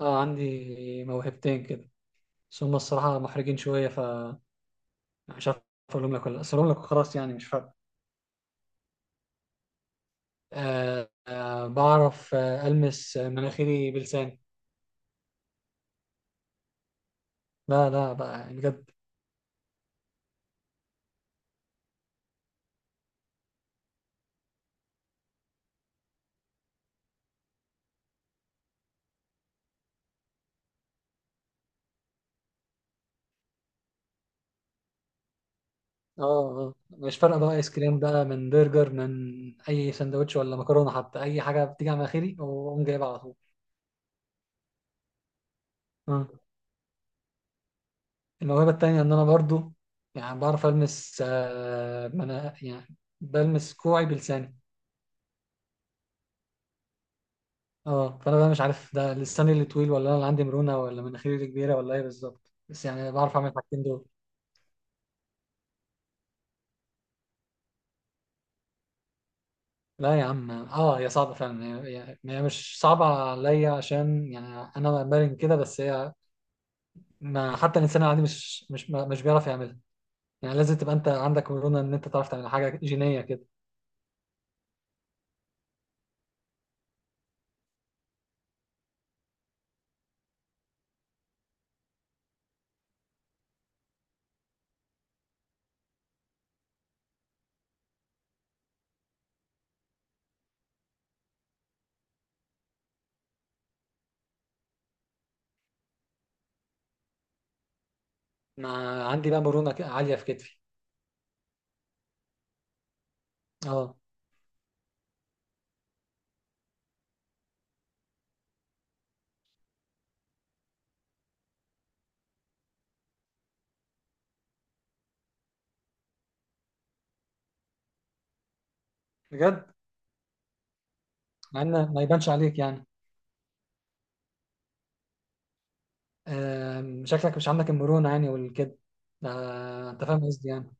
اه، عندي موهبتين كده. بس هم الصراحة محرجين شوية، فمش عارف أقولهم لك ولا لأ. بس أقولهم لك وخلاص، يعني مش فارقة. بعرف ألمس مناخيري بلساني. لا لا بقى يعني بجد. مش فارقة بقى آيس كريم بقى من برجر من أي سندوتش ولا مكرونة، حتى أي حاجة بتيجي على مناخيري وأقوم جايبها على طول. آه. الموهبة التانية إن أنا برضو يعني بعرف ألمس يعني بلمس كوعي بلساني. اه، فانا بقى مش عارف ده لساني اللي طويل ولا انا اللي عندي مرونه ولا مناخيري اللي كبيره ولا ايه بالظبط، بس يعني بعرف اعمل الحاجتين دول. لا يا عم، اه هي صعبه فعلا. هي مش صعبه عليا، عشان يعني انا مرن كده، بس هي ما حتى الانسان العادي مش بيعرف يعملها. يعني لازم تبقى انت عندك مرونه ان انت تعرف تعمل حاجه جينيه كده. ما عندي بقى مرونه عاليه في كتفي. اه، بجد. مع ان ما يبانش عليك يعني. شكلك مش عندك المرونه يعني والكده. انت فاهم قصدي يعني.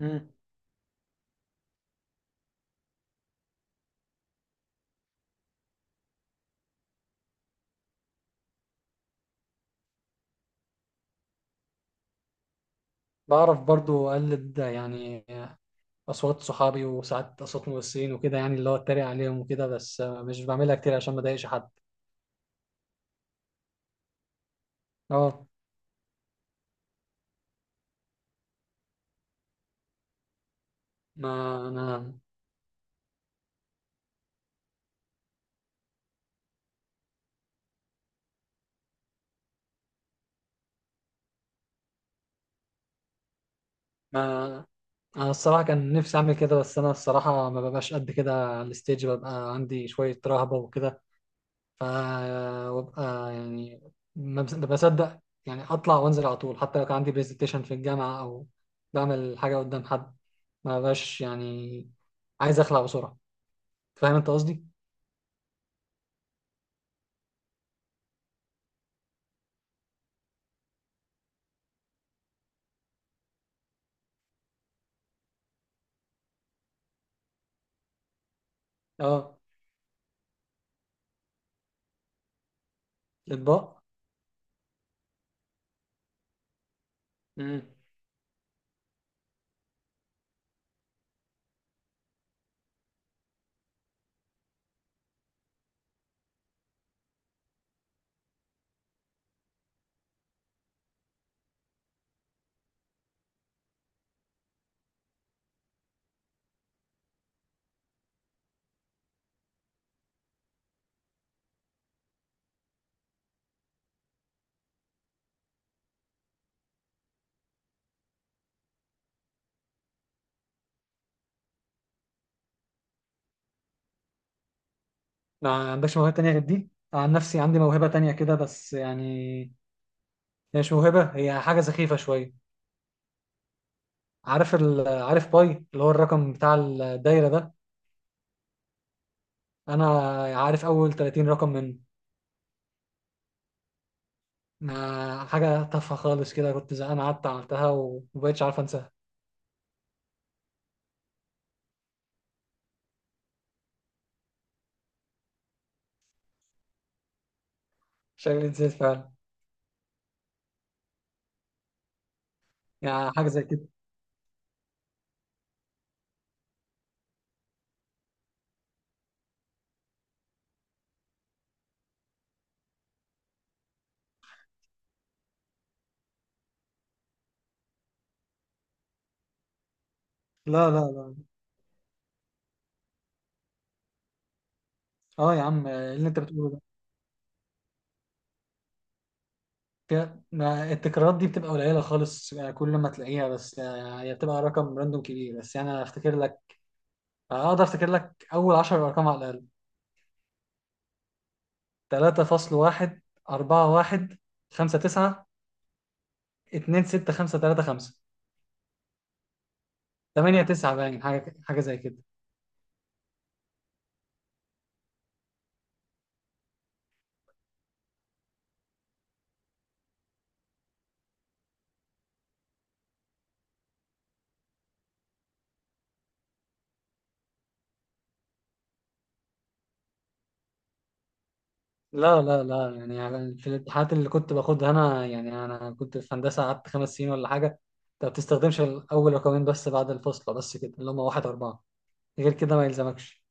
مم. بعرف برضو أقلد يعني أصوات صحابي، وساعات أصوات ممثلين وكده، يعني اللي هو أتريق عليهم وكده، بس مش بعملها كتير عشان ما أضايقش حد. أه، ما أنا ما أنا الصراحة كان نفسي أعمل كده، بس أنا الصراحة ما ببقاش قد كده على الستيج، ببقى عندي شوية رهبة وكده. ف وببقى يعني ما بصدق يعني أطلع وأنزل على طول، حتى لو كان عندي برزنتيشن في الجامعة أو بعمل حاجة قدام حد، ما ببقاش يعني عايز أخلع بسرعة. فاهم أنت قصدي؟ اه. اطباق. امم ما عندكش موهبه تانية غير دي؟ عن نفسي عندي موهبه تانية كده، بس يعني هي مش موهبه، هي حاجه سخيفه شويه. عارف باي اللي هو الرقم بتاع الدايره ده. انا عارف اول 30 رقم منه. ما حاجه تافهه خالص كده، كنت زهقان قعدت عملتها ومبقتش عارف انساها. شكلي نسيت فعلا. يعني حاجه زي كده. لا لا لا. اه يا عم، إيه اللي انت بتقوله ده؟ ما التكرارات دي بتبقى قليلة خالص يعني، كل ما تلاقيها بس، هي بتبقى رقم راندوم كبير، بس يعني أنا أفتكر لك. أقدر أفتكر لك أول 10 أرقام على الأقل. 3.1، 4.1، 5.9، 2.6.5.3.5، 8، 9 باين، حاجة حاجة زي كده. لا لا لا. يعني في الامتحانات اللي كنت باخدها أنا، يعني أنا كنت في هندسة قعدت 5 سنين ولا حاجة. أنت ما بتستخدمش الأول رقمين بس، بعد الفصل بس كده اللي هم واحد أربعة، غير كده ما يلزمكش.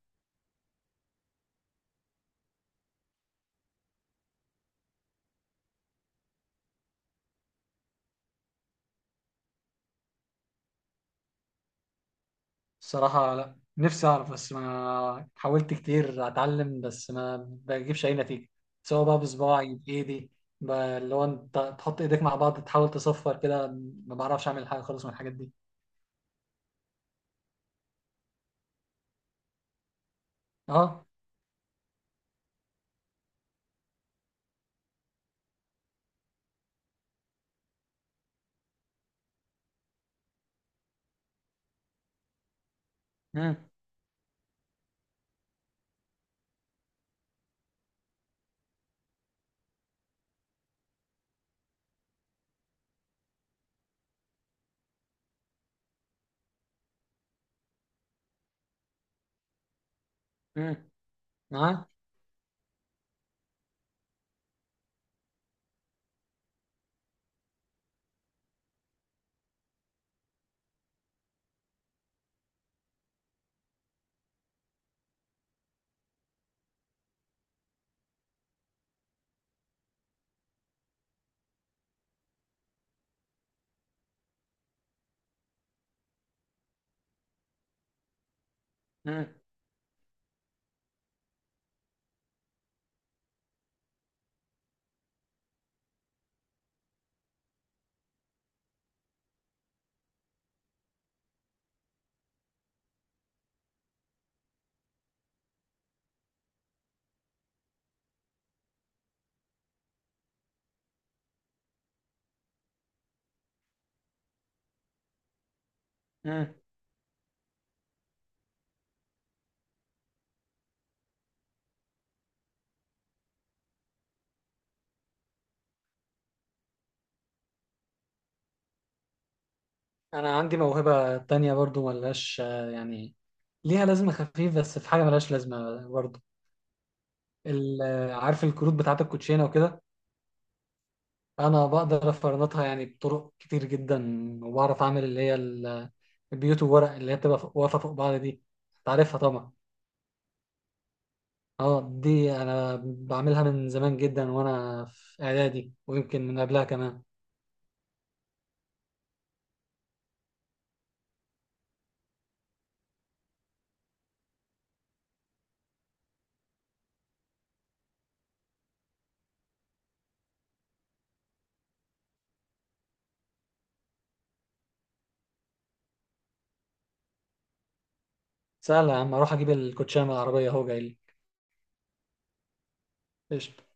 الصراحة لا، نفسي أعرف بس ما حاولت كتير أتعلم، بس ما بجيبش أي نتيجة. سواء بقى بصباعي، بإيدي، اللي هو أنت تحط إيديك مع بعض تحاول تصفر كده. ما بعرفش أعمل حاجة خالص من الحاجات دي. أه. مم. مم. معاك. مم. مم. أنا عندي موهبة تانية برضو ملهاش، يعني ليها لازمة خفيف، بس في حاجة ملهاش لازمة برضو. عارف الكروت بتاعة الكوتشينة وكده. انا بقدر افرنطها يعني بطرق كتير جدا، وبعرف اعمل اللي هي البيوت، وورق اللي هي بتبقى واقفه فوق بعض دي، تعرفها طبعا. اه، دي انا بعملها من زمان جدا وانا في اعدادي، ويمكن من قبلها كمان. سهله يا عم، اروح اجيب الكوتشيه من العربيه اهو جاي لي. قشطة.